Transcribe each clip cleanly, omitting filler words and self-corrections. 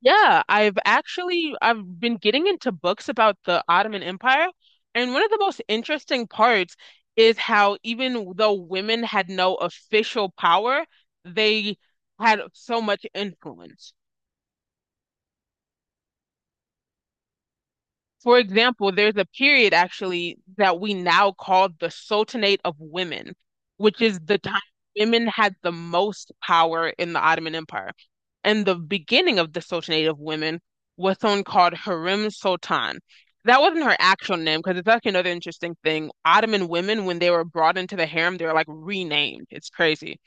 Yeah, I've been getting into books about the Ottoman Empire, and one of the most interesting parts is how even though women had no official power, they had so much influence. For example, there's a period actually that we now call the Sultanate of Women, which is the time women had the most power in the Ottoman Empire. And the beginning of the Sultanate of Women was someone called Harim Sultan. That wasn't her actual name because it's actually another interesting thing. Ottoman women, when they were brought into the harem, they were like renamed. It's crazy.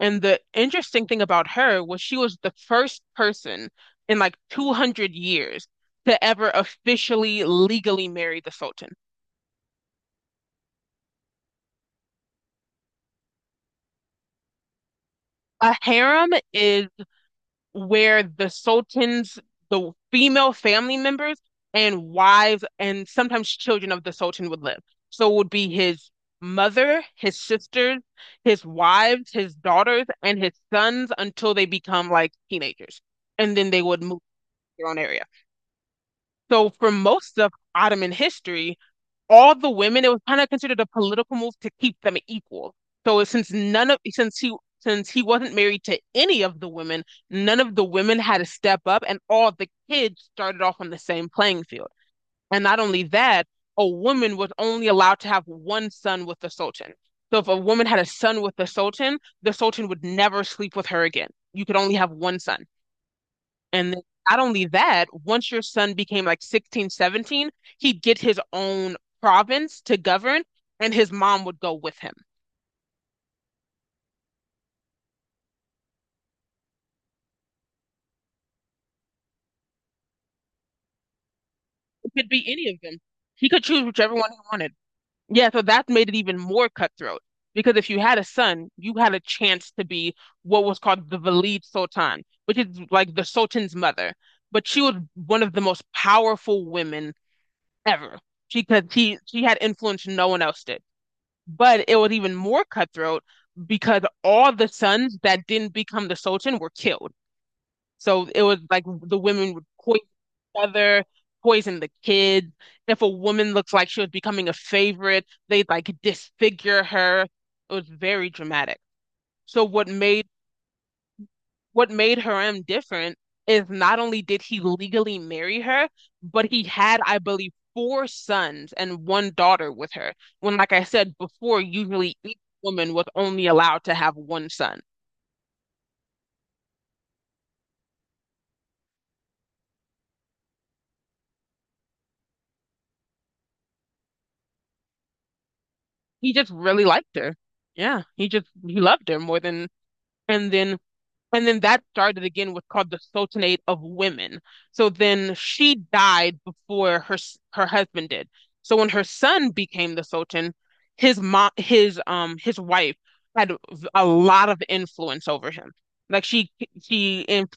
And the interesting thing about her was she was the first person in like 200 years to ever officially legally marry the Sultan. A harem is where the Sultan's, the female family members and wives and sometimes children of the Sultan would live. So it would be his mother, his sisters, his wives, his daughters, and his sons until they become like teenagers. And then they would move to their own area. So for most of Ottoman history, all the women, it was kind of considered a political move to keep them equal. So since none of since he wasn't married to any of the women, none of the women had to step up, and all the kids started off on the same playing field. And not only that, a woman was only allowed to have one son with the Sultan. So if a woman had a son with the Sultan would never sleep with her again. You could only have one son. And then not only that, once your son became like 16, 17, he'd get his own province to govern, and his mom would go with him. It could be any of them. He could choose whichever one he wanted. Yeah, so that made it even more cutthroat because if you had a son, you had a chance to be what was called the Valid Sultan, which is like the Sultan's mother. But she was one of the most powerful women ever. She had influence no one else did. But it was even more cutthroat because all the sons that didn't become the Sultan were killed. So it was like the women would poison each other, poison the kids. If a woman looks like she was becoming a favorite, they'd like disfigure her. It was very dramatic. So what made Harem different is not only did he legally marry her, but he had, I believe, four sons and one daughter with her. When, like I said before, usually each woman was only allowed to have one son. He just really liked her. Yeah, he loved her more than. And then And then that started again with called the Sultanate of Women. So then she died before her husband did. So when her son became the Sultan, his mom, his wife had a lot of influence over him. Like she in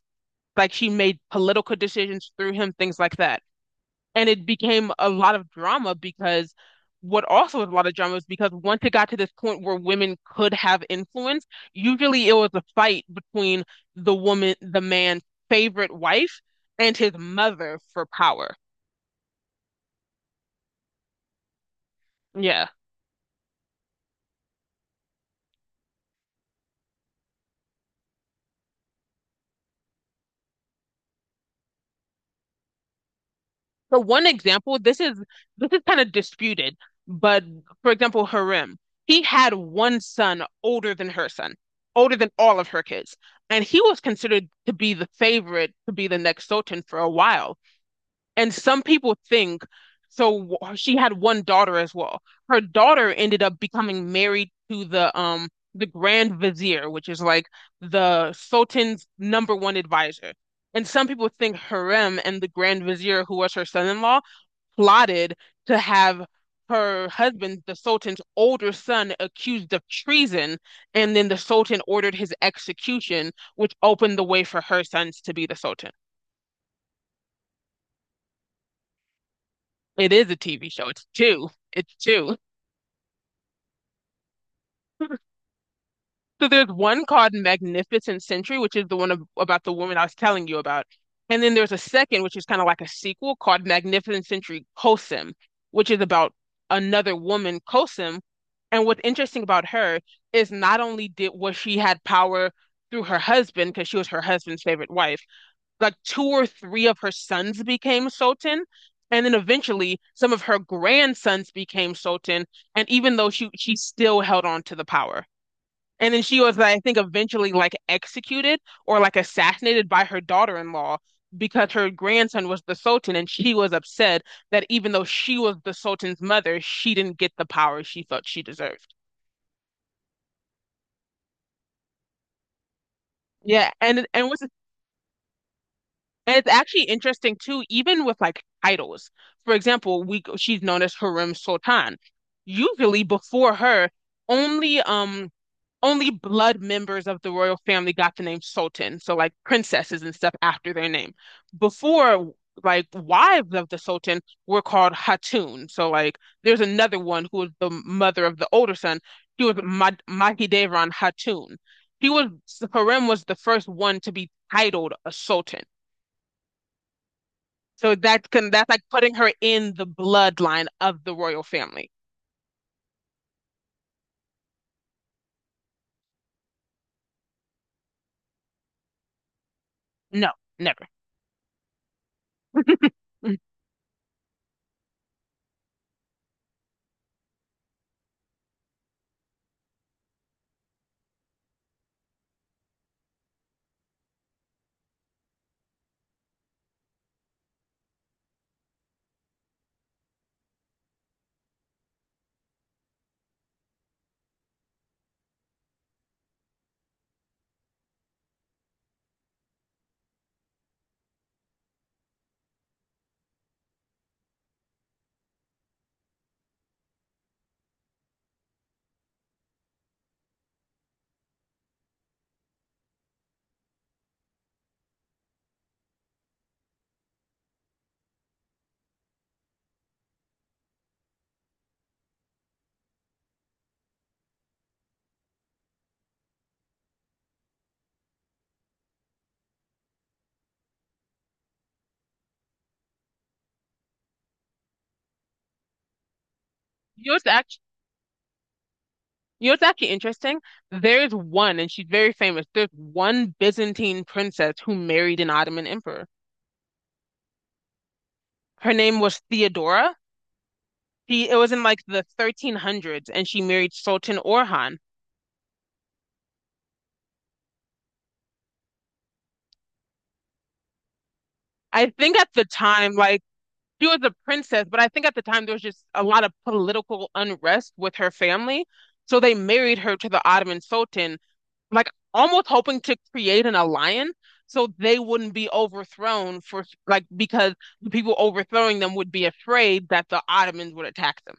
like she made political decisions through him, things like that. And it became a lot of drama because what also was a lot of drama is because once it got to this point where women could have influence, usually it was a fight between the woman, the man's favorite wife and his mother for power. Yeah. So one example, this is kind of disputed, but for example, Harem, he had one son older than her son, older than all of her kids. And he was considered to be the favorite to be the next Sultan for a while. And some people think so. She had one daughter as well. Her daughter ended up becoming married to the Grand Vizier, which is like the Sultan's number one advisor. And some people think Harem and the Grand Vizier, who was her son-in-law, plotted to have her husband, the Sultan's older son, accused of treason, and then the Sultan ordered his execution, which opened the way for her sons to be the Sultan. It is a TV show. It's two. It's two. So there's one called Magnificent Century, which is the one about the woman I was telling you about. And then there's a second, which is kind of like a sequel called Magnificent Century Cosim, which is about another woman, Cosim. And what's interesting about her is not only did was she had power through her husband, because she was her husband's favorite wife, like two or three of her sons became Sultan, and then eventually some of her grandsons became Sultan. And even though she still held on to the power, and then she was, I think, eventually like executed or like assassinated by her daughter-in-law because her grandson was the Sultan, and she was upset that even though she was the Sultan's mother, she didn't get the power she thought she deserved. Yeah. And it's actually interesting too, even with like titles. For example, we she's known as Harem Sultan. Usually before her, only um only blood members of the royal family got the name Sultan. So like princesses and stuff after their name. Before like wives of the Sultan were called Hatun. So like there's another one who was the mother of the older son. She was Mad Mahidevran Hatun. He was Harem was the first one to be titled a Sultan. So that's like putting her in the bloodline of the royal family. No, never. Yours actually, yours actually interesting. There's one, and she's very famous. There's one Byzantine princess who married an Ottoman emperor. Her name was Theodora. She, it was in like the 1300s, and she married Sultan Orhan. I think at the time, like she was a princess, but I think at the time there was just a lot of political unrest with her family. So they married her to the Ottoman Sultan, like almost hoping to create an alliance so they wouldn't be overthrown for like because the people overthrowing them would be afraid that the Ottomans would attack them.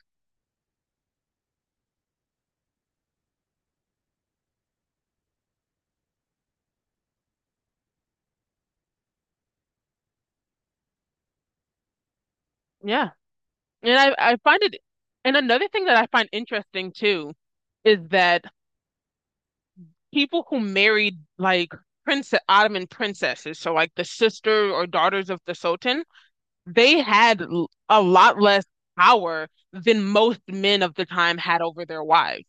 Yeah. And I find it, and another thing that I find interesting too is that people who married like prince Ottoman princesses, so like the sister or daughters of the Sultan, they had a lot less power than most men of the time had over their wives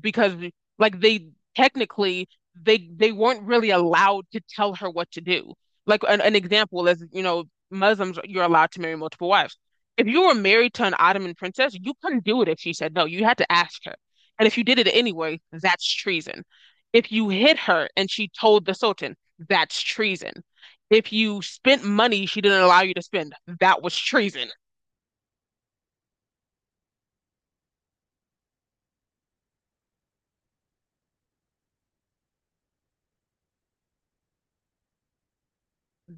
because like they technically they weren't really allowed to tell her what to do. Like an example is, you know, Muslims, you're allowed to marry multiple wives. If you were married to an Ottoman princess, you couldn't do it if she said no. You had to ask her. And if you did it anyway, that's treason. If you hit her and she told the Sultan, that's treason. If you spent money she didn't allow you to spend, that was treason.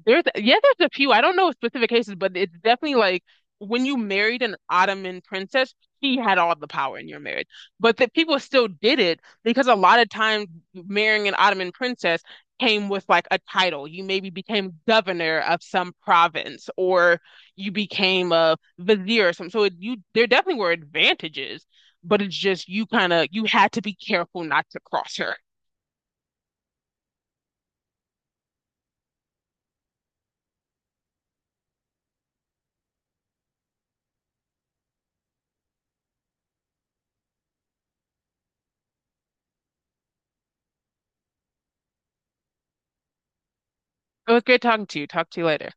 There's yeah, there's a few. I don't know specific cases, but it's definitely like when you married an Ottoman princess, he had all the power in your marriage. But that people still did it because a lot of times marrying an Ottoman princess came with like a title. You maybe became governor of some province or you became a vizier or something. So you there definitely were advantages, but it's just you kind of you had to be careful not to cross her. It was good talking to you. Talk to you later.